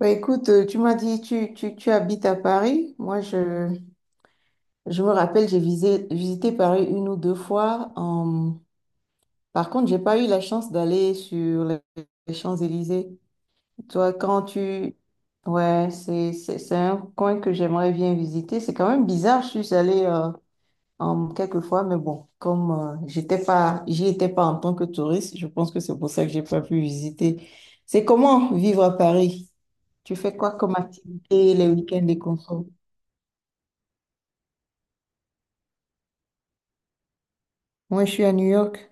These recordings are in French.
Tu m'as dit tu habites à Paris. Je me rappelle, j'ai visité Paris une ou deux fois. Par contre, j'ai pas eu la chance d'aller sur les Champs-Élysées. Toi, quand tu... Ouais, c'est un coin que j'aimerais bien visiter. C'est quand même bizarre, je suis allée quelquefois, mais bon, comme j'y étais pas en tant que touriste, je pense que c'est pour ça que j'ai pas pu visiter. C'est comment vivre à Paris? Tu fais quoi comme activité les week-ends et consos? Moi, je suis à New York.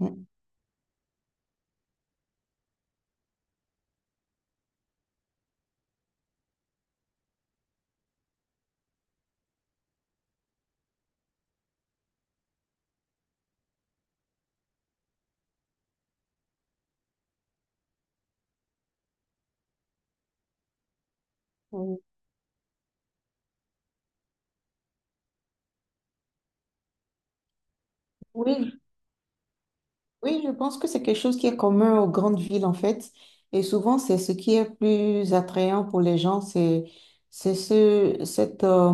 Mm. Oui, oui, je pense que c'est quelque chose qui est commun aux grandes villes en fait. Et souvent, c'est ce qui est plus attrayant pour les gens, c'est ce cette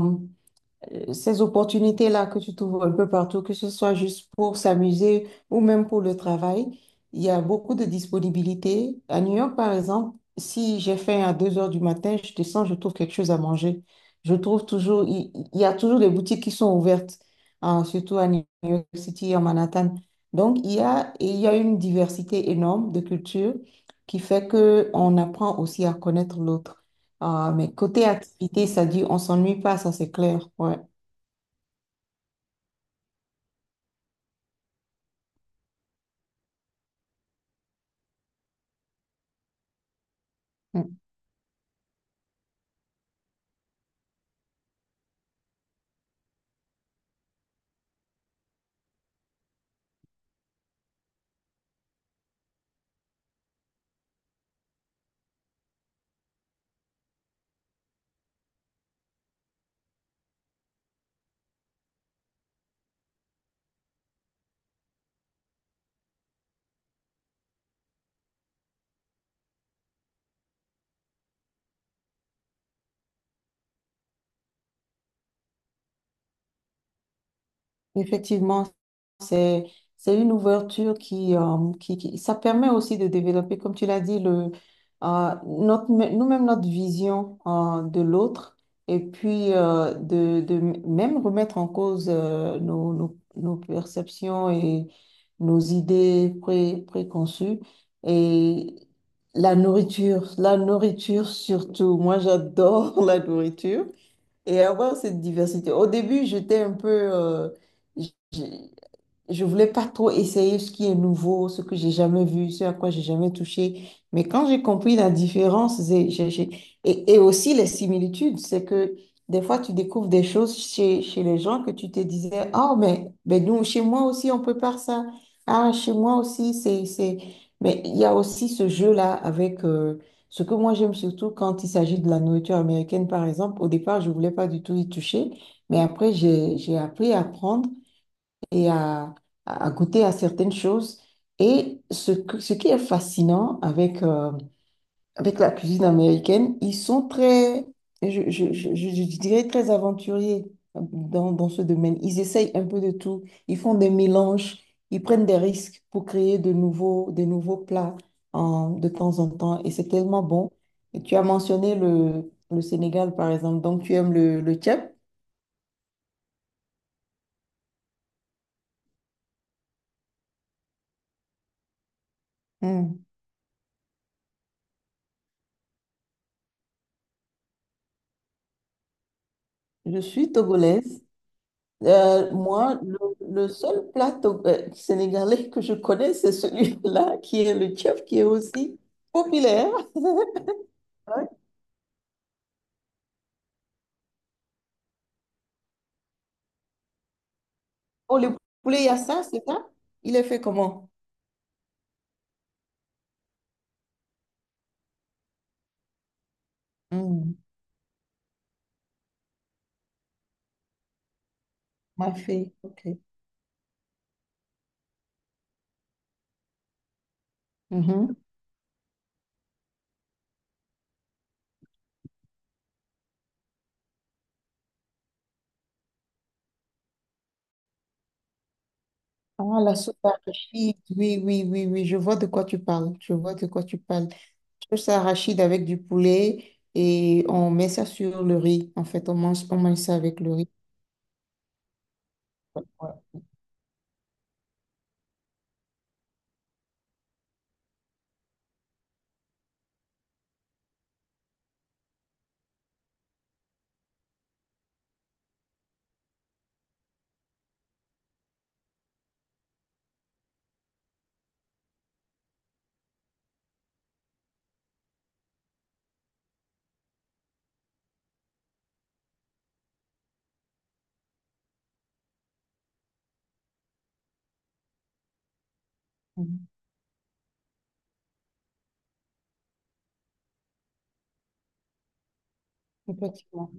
ces opportunités-là que tu trouves un peu partout, que ce soit juste pour s'amuser ou même pour le travail, il y a beaucoup de disponibilité. À New York, par exemple, si j'ai faim à 2 heures du matin, je descends, je trouve quelque chose à manger. Je trouve toujours, il y a toujours des boutiques qui sont ouvertes, hein, surtout à New York City, à Manhattan. Donc, il y a, et il y a une diversité énorme de cultures qui fait que on apprend aussi à connaître l'autre. Ah, mais côté activité, ça dit on s'ennuie pas, ça c'est clair. Ouais. Mm. Effectivement, c'est c'est une ouverture qui ça permet aussi de développer, comme tu l'as dit, notre, nous-mêmes notre vision de l'autre et puis de même remettre en cause nos perceptions et nos idées préconçues. Et la nourriture surtout, moi j'adore la nourriture. Et avoir cette diversité. Au début, j'étais un peu, j- je voulais pas trop essayer ce qui est nouveau, ce que j'ai jamais vu, ce à quoi j'ai jamais touché. Mais quand j'ai compris la différence, et aussi les similitudes, c'est que des fois tu découvres des choses chez, chez les gens que tu te disais, oh, mais nous, chez moi aussi, on prépare ça. Ah, chez moi aussi, c'est... Mais il y a aussi ce jeu-là avec ce que moi j'aime surtout quand il s'agit de la nourriture américaine, par exemple. Au départ, je voulais pas du tout y toucher, mais après, j'ai appris à prendre et à goûter à certaines choses. Et ce qui est fascinant avec, avec la cuisine américaine, ils sont très, je dirais, très aventuriers dans ce domaine. Ils essayent un peu de tout, ils font des mélanges, ils prennent des risques pour créer des nouveaux plats de temps en temps. Et c'est tellement bon. Et tu as mentionné le Sénégal, par exemple, donc tu aimes le tchèp. Hmm. Je suis togolaise. Euh, moi, le, le seul plat sénégalais que je connais, c'est celui-là, qui est le chef, qui est aussi populaire. Ouais. Oh, le poulet yassa, c'est ça? Il est fait comment? Hmm, ma fée, ok. Mhm. Ah, la sauce arachide, oui, oui, oui, oui, je vois de quoi tu parles, je vois de quoi tu parles. Sauce arachide avec du poulet et on met ça sur le riz, en fait, on mange ça avec le riz. Ouais. Mhm. Effectivement,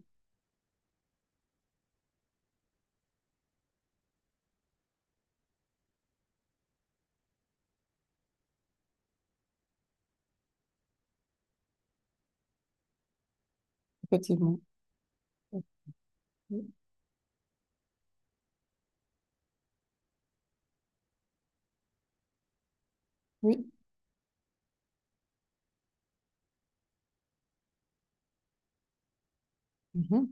effectivement. Oui. Oui. Mhm.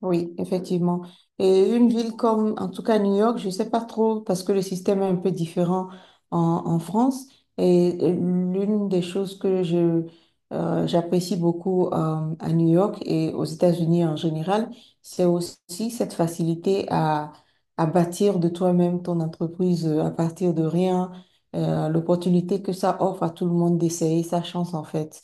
Oui, effectivement. Et une ville comme, en tout cas New York, je ne sais pas trop parce que le système est un peu différent en, en France. Et l'une des choses que j'apprécie beaucoup à New York et aux États-Unis en général, c'est aussi cette facilité à bâtir de toi-même ton entreprise à partir de rien, l'opportunité que ça offre à tout le monde d'essayer sa chance en fait.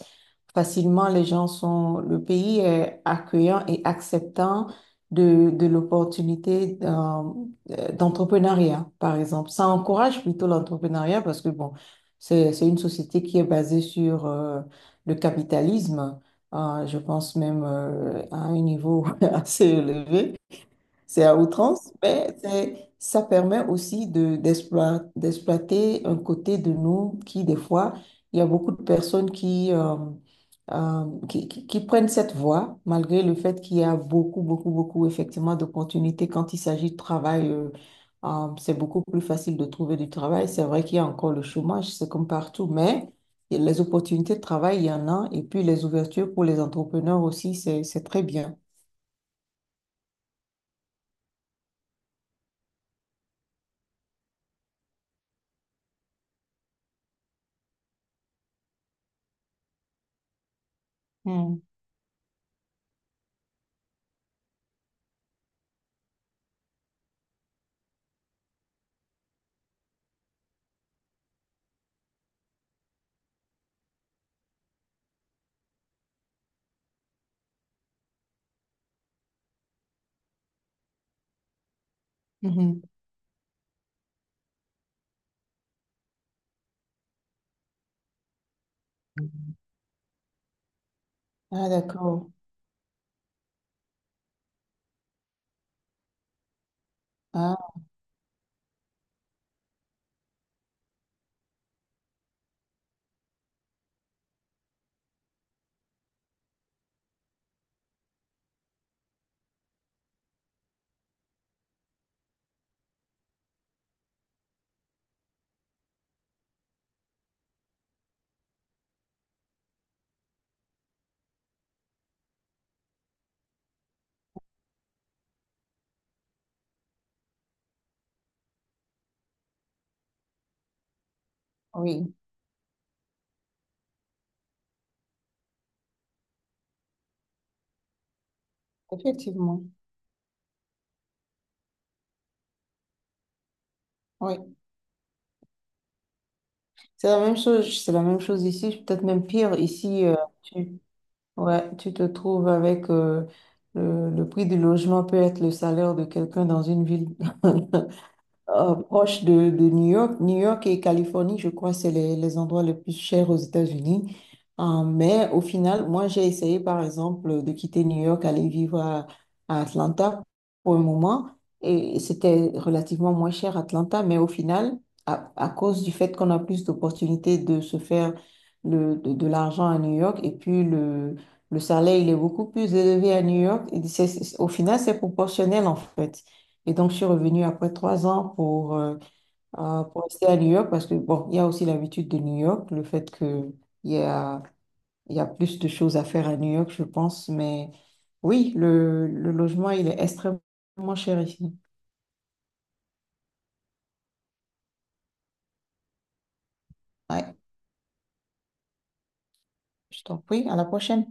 Facilement, les gens sont, le pays est accueillant et acceptant de l'opportunité d'entrepreneuriat, par exemple. Ça encourage plutôt l'entrepreneuriat parce que, bon, c'est une société qui est basée sur le capitalisme, je pense même à un niveau assez élevé. C'est à outrance, mais ça permet aussi de, d'exploiter un côté de nous qui, des fois, il y a beaucoup de personnes qui prennent cette voie, malgré le fait qu'il y a beaucoup, beaucoup, beaucoup, effectivement, d'opportunités. Quand il s'agit de travail, c'est beaucoup plus facile de trouver du travail. C'est vrai qu'il y a encore le chômage, c'est comme partout, mais les opportunités de travail, il y en a. Et puis, les ouvertures pour les entrepreneurs aussi, c'est très bien. Mm. Mhm. Ah, d'accord. Ah, oui, effectivement. Oui, c'est la même chose. C'est la même chose ici, peut-être même pire. Ici, tu, ouais, tu te trouves avec le prix du logement peut être le salaire de quelqu'un dans une ville. Euh, proche de New York. New York et Californie, je crois, c'est les endroits les plus chers aux États-Unis. Mais au final, moi, j'ai essayé, par exemple, de quitter New York, aller vivre à Atlanta pour un moment. Et c'était relativement moins cher Atlanta, mais au final, à cause du fait qu'on a plus d'opportunités de se faire de l'argent à New York, et puis le salaire, il est beaucoup plus élevé à New York, et au final, c'est proportionnel en fait. Et donc, je suis revenue après 3 ans pour rester à New York parce que, bon, il y a aussi l'habitude de New York, le fait que il y a, il y a plus de choses à faire à New York, je pense. Mais oui, le logement, il est extrêmement cher ici. Ouais, je t'en prie, à la prochaine.